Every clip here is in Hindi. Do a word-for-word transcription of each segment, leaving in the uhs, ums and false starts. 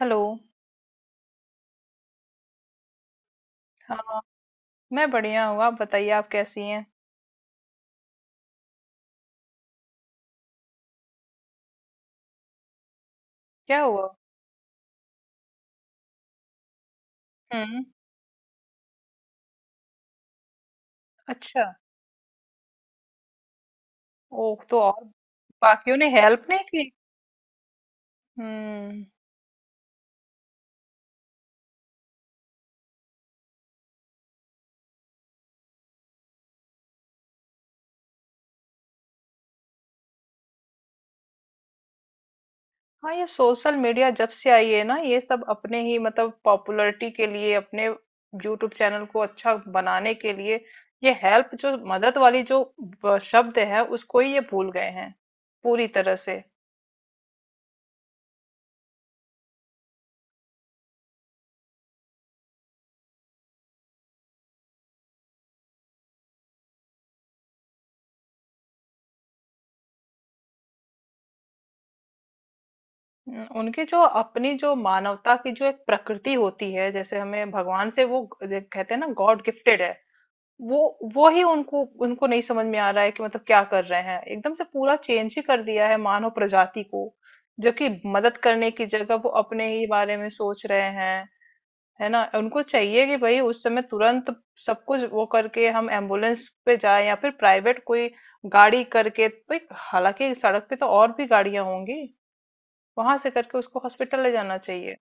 हेलो। हाँ। मैं बढ़िया हूँ। आप बताइए, आप कैसी हैं? क्या हुआ? हम्म। अच्छा। ओह, तो और? बाकियों ने हेल्प नहीं की? हम्म। हाँ, ये सोशल मीडिया जब से आई है ना ये सब अपने ही मतलब पॉपुलैरिटी के लिए, अपने यूट्यूब चैनल को अच्छा बनाने के लिए ये हेल्प जो मदद वाली जो ब- शब्द है उसको ही ये भूल गए हैं पूरी तरह से। हम्म, उनकी जो अपनी जो मानवता की जो एक प्रकृति होती है, जैसे हमें भगवान से वो ग- कहते हैं ना, गॉड गिफ्टेड है। वो वो ही उनको उनको नहीं समझ में आ रहा है कि मतलब क्या कर रहे हैं, एकदम से पूरा चेंज ही कर दिया है मानव प्रजाति को, जो कि मदद करने की जगह वो अपने ही बारे में सोच रहे हैं। है ना, उनको चाहिए कि भाई उस समय तुरंत सब कुछ वो करके हम एम्बुलेंस पे जाए, या फिर प्राइवेट कोई गाड़ी करके भाई, हालांकि सड़क पे तो और भी गाड़ियां होंगी, वहां से करके उसको हॉस्पिटल ले जाना चाहिए।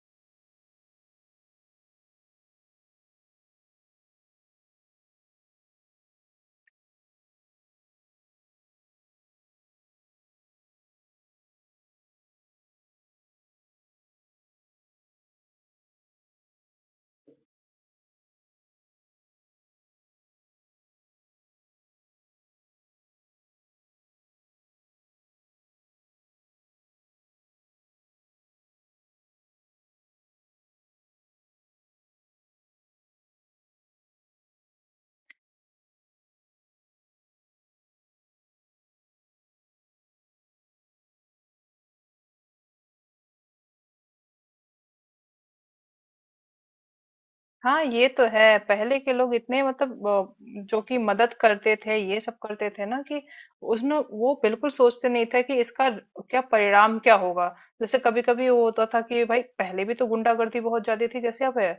हाँ ये तो है, पहले के लोग इतने मतलब अ, जो कि मदद करते थे, ये सब करते थे ना कि उसने वो बिल्कुल सोचते नहीं थे कि इसका क्या परिणाम क्या होगा। जैसे कभी कभी वो होता था कि भाई पहले भी तो गुंडागर्दी बहुत ज्यादा थी जैसे अब है,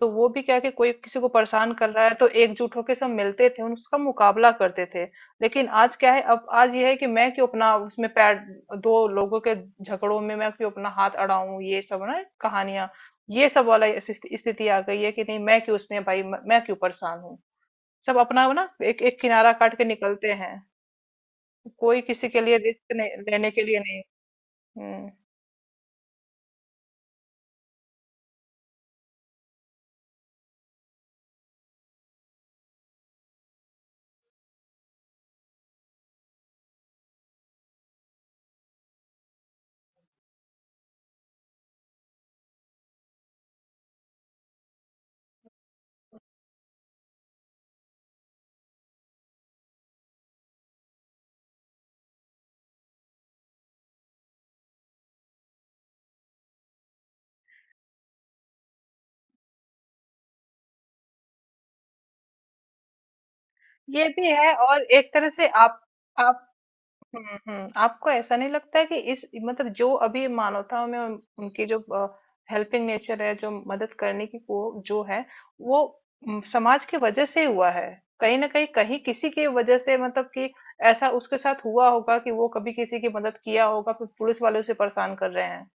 तो वो भी क्या है कि कोई किसी को परेशान कर रहा है तो एकजुट होकर सब मिलते थे, उन- उसका मुकाबला करते थे। लेकिन आज क्या है, अब आज ये है कि मैं क्यों अपना उसमें पैर, दो लोगों के झगड़ों में मैं क्यों अपना हाथ अड़ाऊं, ये सब ना कहानियां, ये सब वाला इस- इस- स्थिति आ गई है कि नहीं मैं क्यों उसमें भाई म- मैं क्यों परेशान हूँ। सब अपना ना एक एक किनारा काट के निकलते हैं। कोई किसी के लिए रिस्क नहीं लेने के लिए, नहीं। हम्म। ये भी है। और एक तरह से आप आप। हम्म हम्म, आपको ऐसा नहीं लगता है कि इस मतलब जो अभी मानवता में उन- उनकी जो हेल्पिंग नेचर है, जो मदद करने की वो जो है वो म, समाज की वजह से हुआ है? कहीं ना कहीं कहीं किसी की वजह से, मतलब कि ऐसा उसके साथ हुआ होगा कि वो कभी किसी की मदद किया होगा, फिर पुलिस वाले उसे परेशान कर रहे हैं,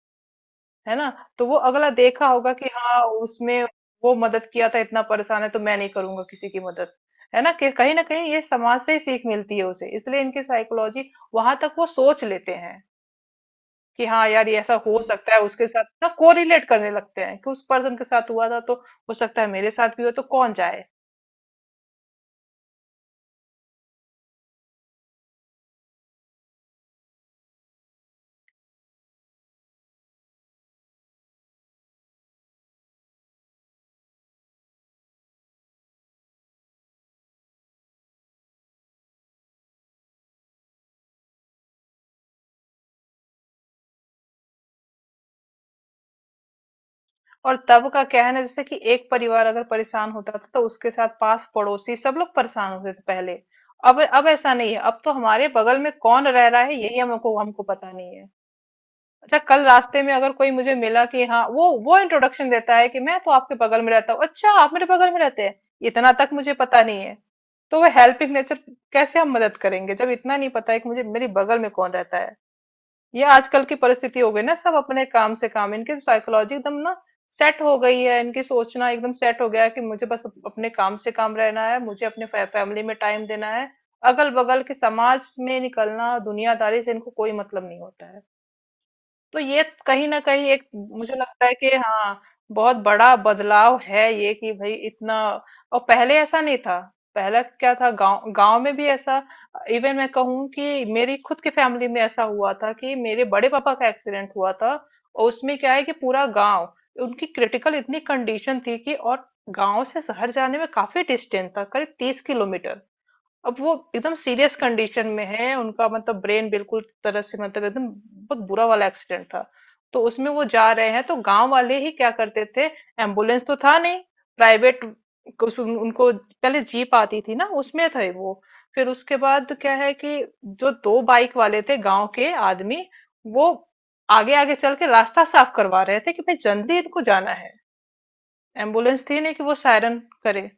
है ना। तो वो अगला देखा होगा कि हाँ उसमें वो मदद किया था, इतना परेशान है, तो मैं नहीं करूंगा किसी की मदद। है ना कि कहीं ना कहीं ये समाज से ही सीख मिलती है उसे, इसलिए इनकी साइकोलॉजी वहां तक वो सोच लेते हैं कि हाँ यार ये ऐसा हो सकता है, उसके साथ ना कोरिलेट करने लगते हैं कि उस पर्सन के साथ हुआ था तो हो सकता है मेरे साथ भी हो, तो कौन जाए। और तब का क्या है ना, जैसे कि एक परिवार अगर परेशान होता था तो उसके साथ पास पड़ोसी सब लोग परेशान होते थे पहले। अब अब ऐसा नहीं है, अब तो हमारे बगल में कौन रह रहा है यही हमको हमको पता नहीं है। अच्छा कल रास्ते में अगर कोई मुझे मिला कि हाँ वो वो इंट्रोडक्शन देता है कि मैं तो आपके बगल में रहता हूँ, अच्छा आप मेरे बगल में रहते हैं, इतना तक मुझे पता नहीं है। तो वो हेल्पिंग नेचर कैसे हम मदद करेंगे जब इतना नहीं पता है कि मुझे मेरे बगल में कौन रहता है। ये आजकल की परिस्थिति हो गई ना, सब अपने काम से काम, इनकी साइकोलॉजी एकदम ना सेट हो गई है, इनकी सोचना एकदम सेट हो गया है कि मुझे बस अप- अपने काम से काम रहना है, मुझे अपने फै, फैमिली में टाइम देना है। अगल बगल के समाज में निकलना, दुनियादारी से इनको कोई मतलब नहीं होता है। तो ये कहीं ना कहीं एक मुझे लगता है कि हाँ बहुत बड़ा बदलाव है ये कि भाई इतना, और पहले ऐसा नहीं था। पहले क्या था, गांव गांव में भी ऐसा, इवन मैं कहूँ कि मेरी खुद की फैमिली में ऐसा हुआ था कि मेरे बड़े पापा का एक्सीडेंट हुआ था। और उसमें क्या है कि पूरा गांव, उनकी क्रिटिकल इतनी कंडीशन थी कि, और गांव से शहर जाने में काफी डिस्टेंस था, करीब तीस किलोमीटर। अब वो एकदम सीरियस कंडीशन में है, उनका मतलब ब्रेन बिल्कुल तरह से, मतलब एकदम बहुत बुरा वाला एक्सीडेंट था। तो उसमें वो जा रहे हैं तो गांव वाले ही क्या करते थे, एम्बुलेंस तो था नहीं, प्राइवेट कुछ, उन- उनको पहले जीप आती थी ना, उसमें थे वो। फिर उसके बाद क्या है कि जो दो बाइक वाले थे गांव के आदमी, वो आगे आगे चल के रास्ता साफ करवा रहे थे कि भाई जल्दी इनको जाना है, एम्बुलेंस थी नहीं कि वो सायरन करे।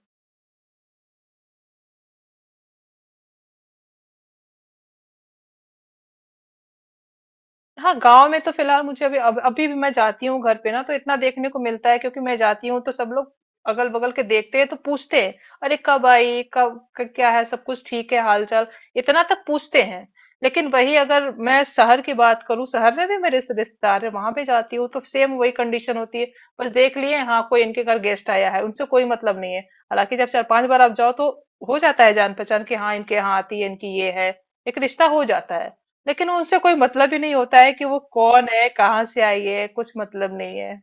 हाँ गांव में तो फिलहाल मुझे अभी अब, अभी भी मैं जाती हूँ घर पे ना, तो इतना देखने को मिलता है, क्योंकि मैं जाती हूँ तो सब लोग अगल बगल के देखते हैं तो पूछते हैं, अरे कब आई, कब क- क्या है, सब कुछ ठीक है, हाल चाल, इतना तक पूछते हैं। लेकिन वही अगर मैं शहर की बात करूँ, शहर में भी मेरे रिश्ते- रिश्तेदार है, वहां पे जाती हूँ तो सेम वही कंडीशन होती है। बस देख लिए, हाँ कोई इनके घर गेस्ट आया है, उनसे कोई मतलब नहीं है। हालांकि जब चार पांच बार आप जाओ तो हो जाता है जान पहचान कि हाँ इनके यहाँ आती है, इनकी ये है, एक रिश्ता हो जाता है। लेकिन उनसे कोई मतलब ही नहीं होता है कि वो कौन है, कहाँ से आई है, कुछ मतलब नहीं है।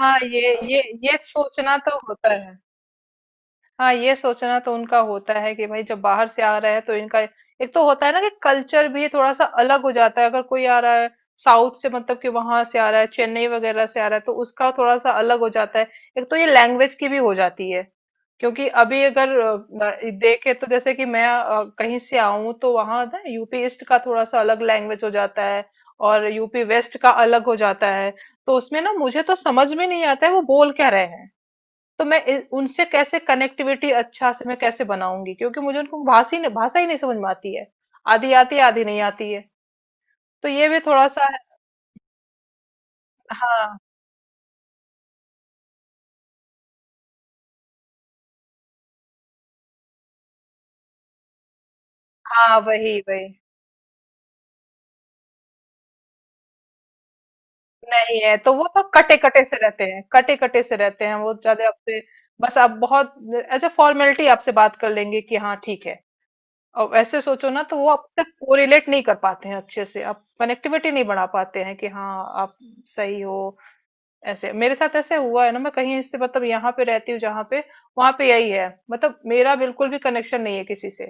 हाँ, ये ये ये सोचना तो होता है। हाँ, ये सोचना तो उनका होता है कि भाई जब बाहर से आ रहा है तो इनका, एक तो होता है ना कि कल्चर भी थोड़ा सा अलग हो जाता है, अगर कोई आ रहा है साउथ से, मतलब कि वहां से आ रहा है, चेन्नई वगैरह से आ रहा है, तो उसका थोड़ा सा अलग हो जाता है। एक तो ये लैंग्वेज की भी हो जाती है, क्योंकि अभी अगर अ, देखे तो, जैसे कि मैं अ, कहीं से आऊं तो, वहां ना यू पी ईस्ट का थोड़ा सा अलग लैंग्वेज हो जाता है, और यू पी वेस्ट का अलग हो जाता है। तो उसमें ना मुझे तो समझ में नहीं आता है वो बोल क्या रहे हैं। तो मैं इ- उनसे कैसे कनेक्टिविटी अच्छा से मैं कैसे बनाऊंगी, क्योंकि मुझे उनको भाषा ही नहीं भाषा ही नहीं समझ में आती है, आधी आती है आधी नहीं आती है, तो ये भी थोड़ा सा। हाँ हाँ, वही वही। नहीं है तो वो तो कटे कटे से रहते हैं कटे कटे से रहते हैं वो, ज्यादा आपसे बस आप बहुत एज ए फॉर्मेलिटी आपसे बात कर लेंगे कि हाँ ठीक है। और ऐसे सोचो ना तो वो आपसे कोरिलेट नहीं कर पाते हैं अच्छे से, आप कनेक्टिविटी नहीं बढ़ा पाते हैं कि हाँ आप सही हो। ऐसे मेरे साथ ऐसे हुआ है ना, मैं कहीं इससे मतलब यहाँ पे रहती हूँ जहाँ पे, वहां पे यही है, मतलब मेरा बिल्कुल भी कनेक्शन नहीं है किसी से,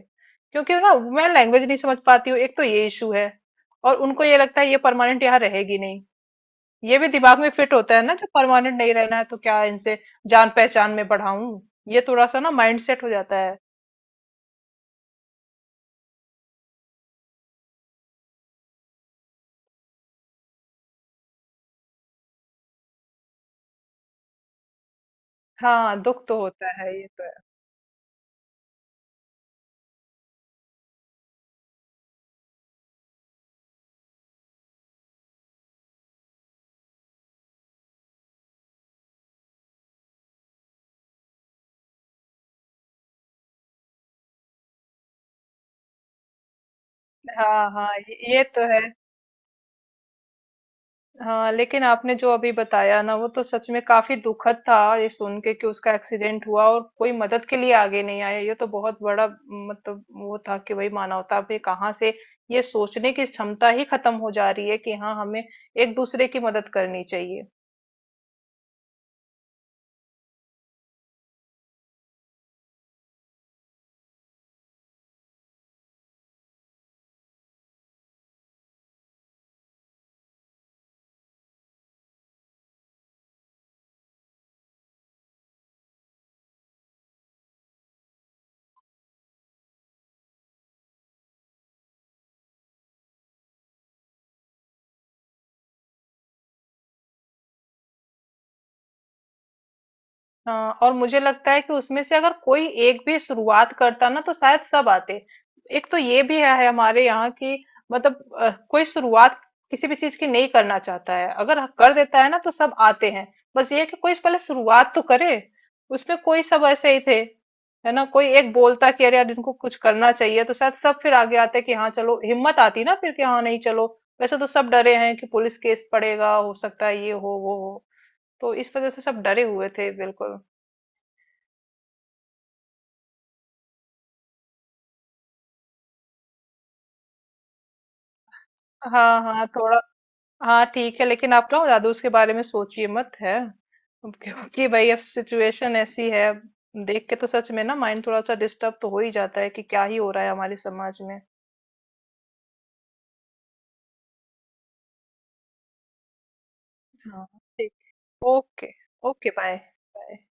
क्योंकि ना मैं लैंग्वेज नहीं समझ पाती हूँ, एक तो ये इशू है, और उनको ये लगता है ये परमानेंट यहाँ रहेगी नहीं, ये भी दिमाग में फिट होता है ना, जब परमानेंट नहीं रहना है तो क्या इनसे जान पहचान में बढ़ाऊं, ये थोड़ा सा ना माइंड सेट हो जाता है। हाँ दुख तो होता है, ये तो है। हाँ हाँ, ये ये तो है। हाँ, लेकिन आपने जो अभी बताया ना वो तो सच में काफी दुखद था, ये सुन के कि उसका एक्सीडेंट हुआ और कोई मदद के लिए आगे नहीं आया, ये तो बहुत बड़ा मतलब वो था कि भाई मानवता भी कहाँ से, ये सोचने की क्षमता ही खत्म हो जा रही है कि हाँ हमें एक दूसरे की मदद करनी चाहिए। हाँ, और मुझे लगता है कि उसमें से अगर कोई एक भी शुरुआत करता ना तो शायद सब आते। एक तो ये भी है हमारे यहाँ की, मतलब अ, कोई शुरुआत किसी भी चीज की नहीं करना चाहता है, अगर कर देता है ना तो सब आते हैं। बस ये है कि कोई पहले शुरुआत तो करे, उसमें कोई, सब ऐसे ही थे, है ना, कोई एक बोलता कि अरे यार इनको कुछ करना चाहिए, तो शायद सब फिर आगे आते कि हाँ चलो, हिम्मत आती ना फिर कि हाँ नहीं चलो। वैसे तो सब डरे हैं कि पुलिस केस पड़ेगा, हो सकता है ये हो वो हो, तो इस वजह से सब डरे हुए थे बिल्कुल। हाँ हाँ, थोड़ा। हाँ ठीक है, लेकिन आप ना ज्यादा उसके बारे में सोचिए मत, है, क्योंकि भाई अब सिचुएशन ऐसी है, अब देख के तो सच में ना माइंड थोड़ा सा डिस्टर्ब तो हो ही जाता है कि क्या ही हो रहा है हमारे समाज में। हाँ। ठीक। ओके। Okay, bye. बाय।